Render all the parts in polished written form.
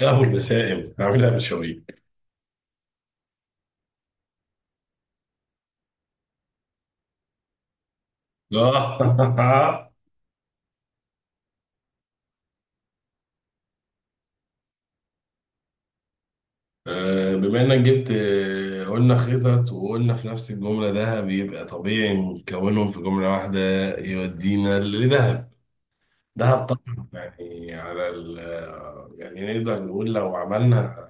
يا ابو المسائل هعملها بشويق آه. آه، بما انك جبت قلنا خطط وقلنا في نفس الجمله ده بيبقى طبيعي نكونهم في جمله واحده. يودينا لذهب. دهب طبعا. يعني على ال يعني نقدر نقول لو عملنا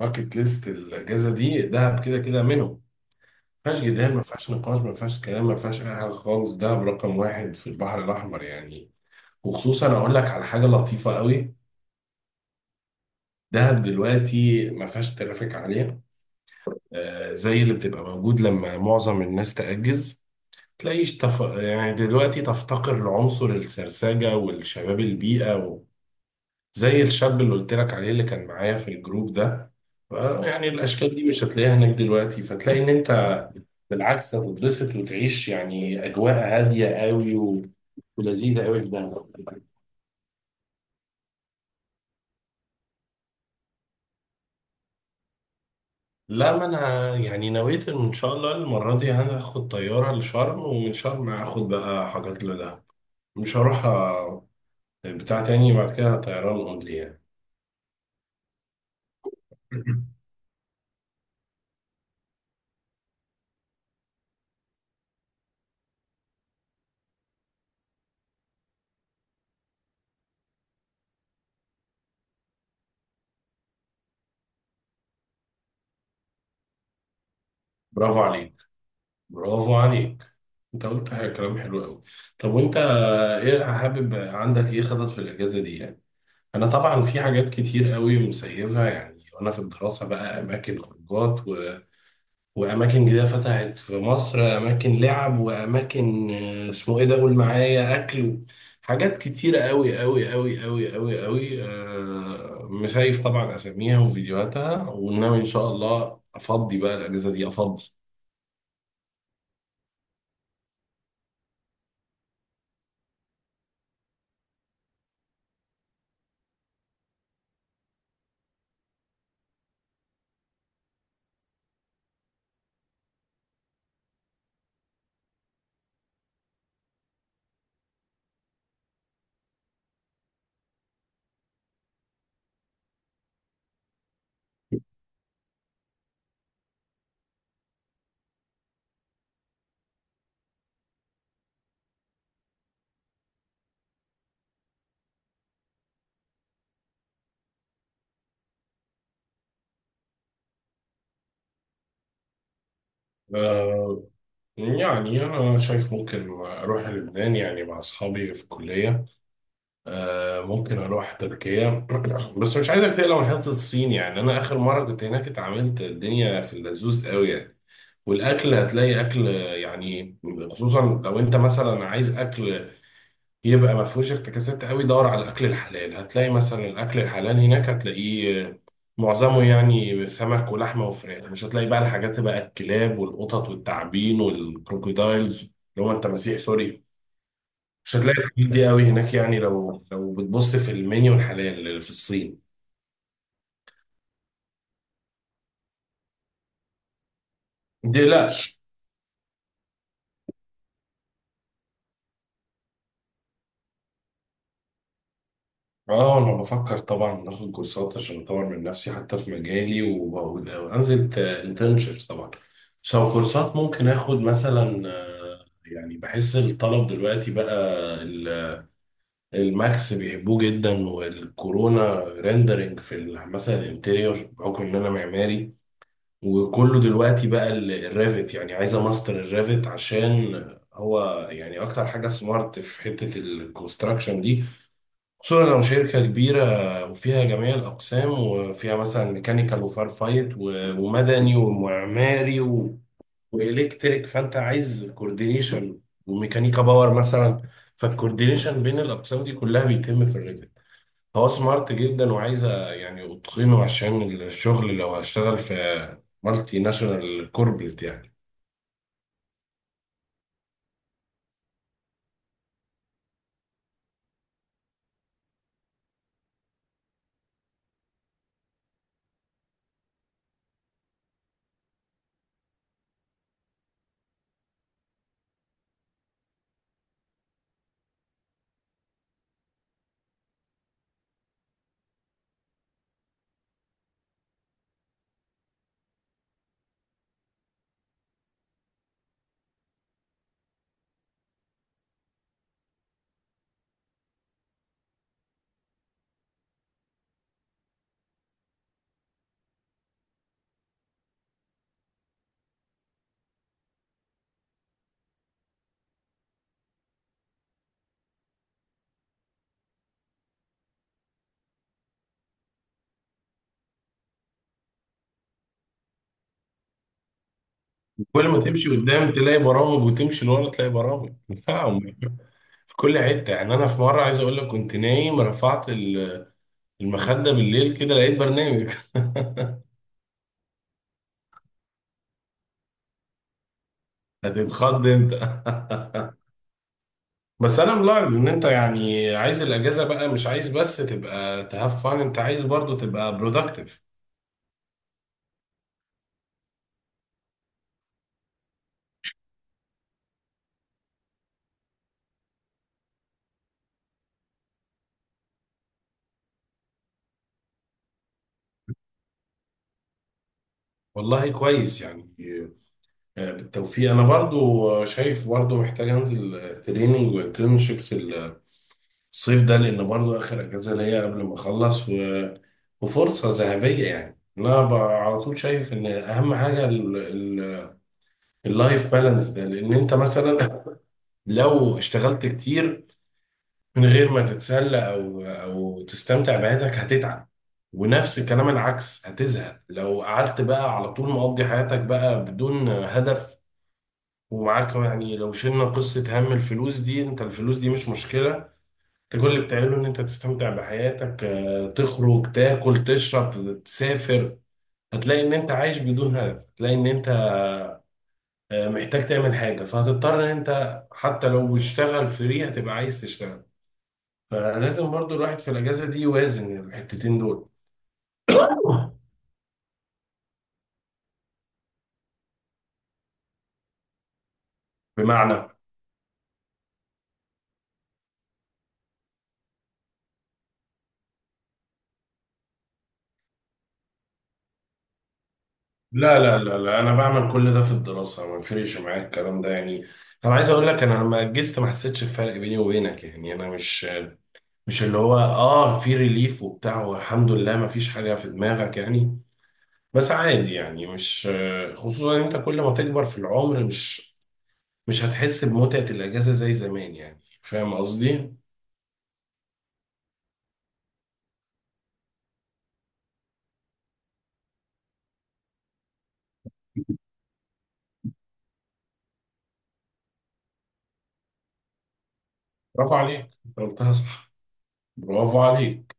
باكت ليست الاجازه دي دهب كده كده منهم. ما فيهاش جدال، ما فيهاش نقاش، ما فيهاش كلام، ما فيهاش اي حاجه خالص. دهب رقم واحد في البحر الاحمر يعني. وخصوصا اقول لك على حاجه لطيفه قوي. دهب دلوقتي ما فيهاش ترافيك عالية، زي اللي بتبقى موجود لما معظم الناس تأجز. يعني دلوقتي تفتقر لعنصر السرسجة والشباب البيئة و... زي الشاب اللي قلت لك عليه اللي كان معايا في الجروب ده. ف- يعني الأشكال دي مش هتلاقيها هناك دلوقتي، فتلاقي إن أنت بالعكس هتتبسط وتعيش يعني أجواء هادية قوي و... ولذيذة قوي في دهب. لا، ما انا يعني نويت ان شاء الله المره دي هاخد طياره لشرم، ومن شرم هاخد بقى حاجات لدهب. مش هروح أ- بتاع تاني بعد كده طيران اونلي يعني. برافو عليك، برافو عليك. انت قلت كلام حلو قوي. طب وانت ايه حابب، عندك ايه خطط في الاجازه دي يعني؟ انا طبعا في حاجات كتير قوي مسيفه يعني وانا في الدراسه بقى، اماكن خروجات وأماكن جديدة فتحت في مصر، أماكن لعب وأماكن اسمه إيه ده، قول معايا، أكل. حاجات كتيرة أوي أوي أوي أوي أوي أوي، مشايف طبعا أساميها وفيديوهاتها، وناوي إن شاء الله أفضي بقى الأجازة دي أفضي. آه، يعني أنا شايف ممكن أروح لبنان يعني مع أصحابي في الكلية، ممكن أروح تركيا. بس مش عايزك تقلق من حتة الصين، يعني أنا آخر مرة كنت هناك اتعاملت الدنيا في اللذوذ أوي يعني. والاكل هتلاقي اكل يعني، خصوصا لو انت مثلا عايز اكل يبقى ما فيهوش افتكاسات قوي، دور على الاكل الحلال هتلاقي، مثلا الاكل الحلال هناك هتلاقيه، معظمه يعني سمك ولحمه وفراخ. مش هتلاقي بقى الحاجات بقى الكلاب والقطط والتعابين والكروكودايلز اللي هو انت مسيح سوري. مش هتلاقي الحاجات دي قوي هناك، يعني لو بتبص في المنيو الحلال في الصين. ما تقلقش. اه انا بفكر طبعا اخد كورسات عشان اطور من نفسي حتى في مجالي وانزل انترنشيبس طبعا. بس لو كورسات ممكن اخد مثلا، يعني بحس الطلب دلوقتي بقى ال- الماكس بيحبوه جدا، والكورونا ريندرنج في مثلا الانتيريور، بحكم ان انا معماري. وكله دلوقتي بقى الريفت، يعني عايزه ماستر الريفت عشان هو يعني اكتر حاجه سمارت في حته الكونستراكشن دي. خصوصا لو شركة كبيرة وفيها جميع الأقسام، وفيها مثلا ميكانيكال وفار فايت ومدني ومعماري و... وإلكتريك، فأنت عايز كوردينيشن وميكانيكا باور مثلا. فالكوردينيشن بين الأقسام دي كلها بيتم في الريفت. هو سمارت جدا وعايزة يعني أتقنه عشان الشغل لو هشتغل في مالتي ناشونال كوربريت يعني. كل ما تمشي قدام تلاقي برامج، وتمشي لورا تلاقي برامج. في كل حتة يعني، أنا في مرة عايز أقول لك، كنت نايم رفعت المخدة بالليل كده لقيت برنامج. هتتخض أنت. بس أنا ملاحظ إن أنت يعني عايز الأجازة بقى مش عايز بس تبقى تهاف فان، أنت عايز برضو تبقى برودكتيف. والله كويس يعني. بالتوفيق. أنا برضو شايف برضو محتاج أنزل تريننج وانترنشيبس الصيف ده، لان برضو اخر اجازه ليا قبل ما اخلص و... وفرصه ذهبيه يعني. انا على طول شايف ان اهم حاجه ال... ال... اللايف بالانس ده. لان انت مثلا لو اشتغلت كتير من غير ما تتسلى او تستمتع بحياتك هتتعب. ونفس الكلام العكس، هتزهق لو قعدت بقى على طول مقضي حياتك بقى بدون هدف. ومعاك يعني، لو شلنا قصة هم الفلوس دي، انت الفلوس دي مش مشكلة. انت كل اللي بتعمله ان انت تستمتع بحياتك، تخرج تاكل تشرب تسافر، هتلاقي ان انت عايش بدون هدف، هتلاقي ان انت محتاج تعمل حاجة، فهتضطر ان انت حتى لو بتشتغل فري هتبقى عايز تشتغل. فلازم برضو الواحد في الاجازة دي يوازن الحتتين دول. بمعنى، لا انا بعمل كل ده في الدراسة، ما بفرقش معايا الكلام ده يعني. انا عايز اقول لك انا لما اجزت ما حسيتش بفرق بيني وبينك، يعني انا مش اللي هو اه في ريليف وبتاع والحمد لله ما فيش حاجة في دماغك يعني. بس عادي يعني، مش خصوصا إن انت كل ما تكبر في العمر مش هتحس بمتعة الأجازة زي زمان، يعني فاهم قصدي؟ برافو عليك، أنت قلتها صح. برافو عليك.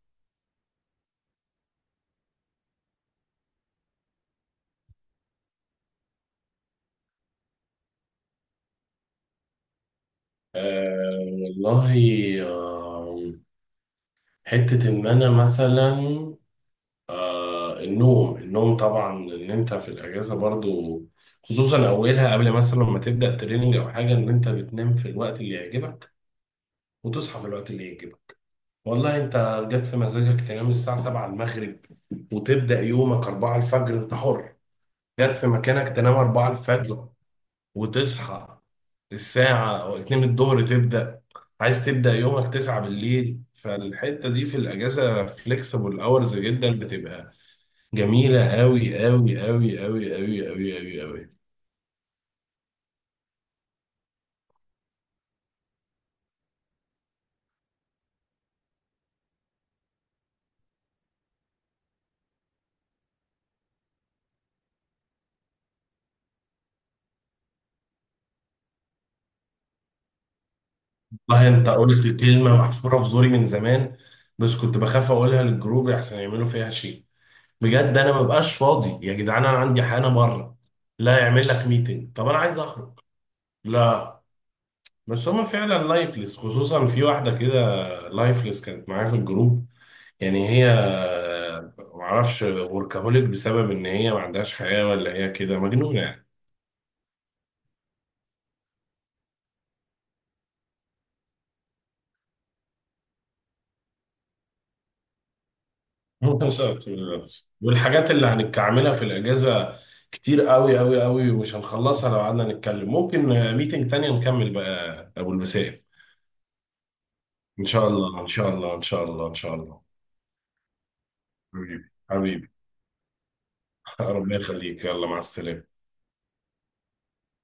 آه والله. آه. حتة إن أنا مثلا، آه النوم، النوم طبعا، إن أنت في الأجازة برضو، خصوصا أولها قبل مثلا ما تبدأ تريننج أو حاجة، إن أنت بتنام في الوقت اللي يعجبك وتصحى في الوقت اللي يعجبك. والله انت جت في مزاجك تنام الساعة 7 المغرب وتبدأ يومك 4 الفجر، انت حر. جت في مكانك تنام 4 الفجر وتصحى الساعة أو 2 الظهر تبدأ، عايز تبدأ يومك 9 بالليل، فالحتة دي في الأجازة فليكسبل أورز جدا، بتبقى جميلة أوي أوي أوي أوي أوي أوي أوي أوي. والله أنت قلت كلمة محفورة في زوري من زمان، بس كنت بخاف أقولها للجروب أحسن يعملوا فيها شيء. بجد انا مبقاش فاضي يا جدعان، انا عندي حاجه بره. لا يعمل لك ميتنج، طب انا عايز اخرج. لا. بس هما فعلا لايفلس، خصوصا في واحده كده لايفلس كانت معايا في الجروب، يعني هي معرفش وركهوليك بسبب ان هي ما عندهاش حياه، ولا هي كده مجنونه يعني. بالظبط، بالظبط. والحاجات اللي هنتعملها في الاجازه كتير قوي قوي قوي ومش هنخلصها لو قعدنا نتكلم. ممكن ميتنج تانية نكمل بقى ابو البسائم. ان شاء الله، ان شاء الله، ان شاء الله، ان شاء الله. حبيبي، حبيبي. ربنا يخليك، يلا مع السلامة.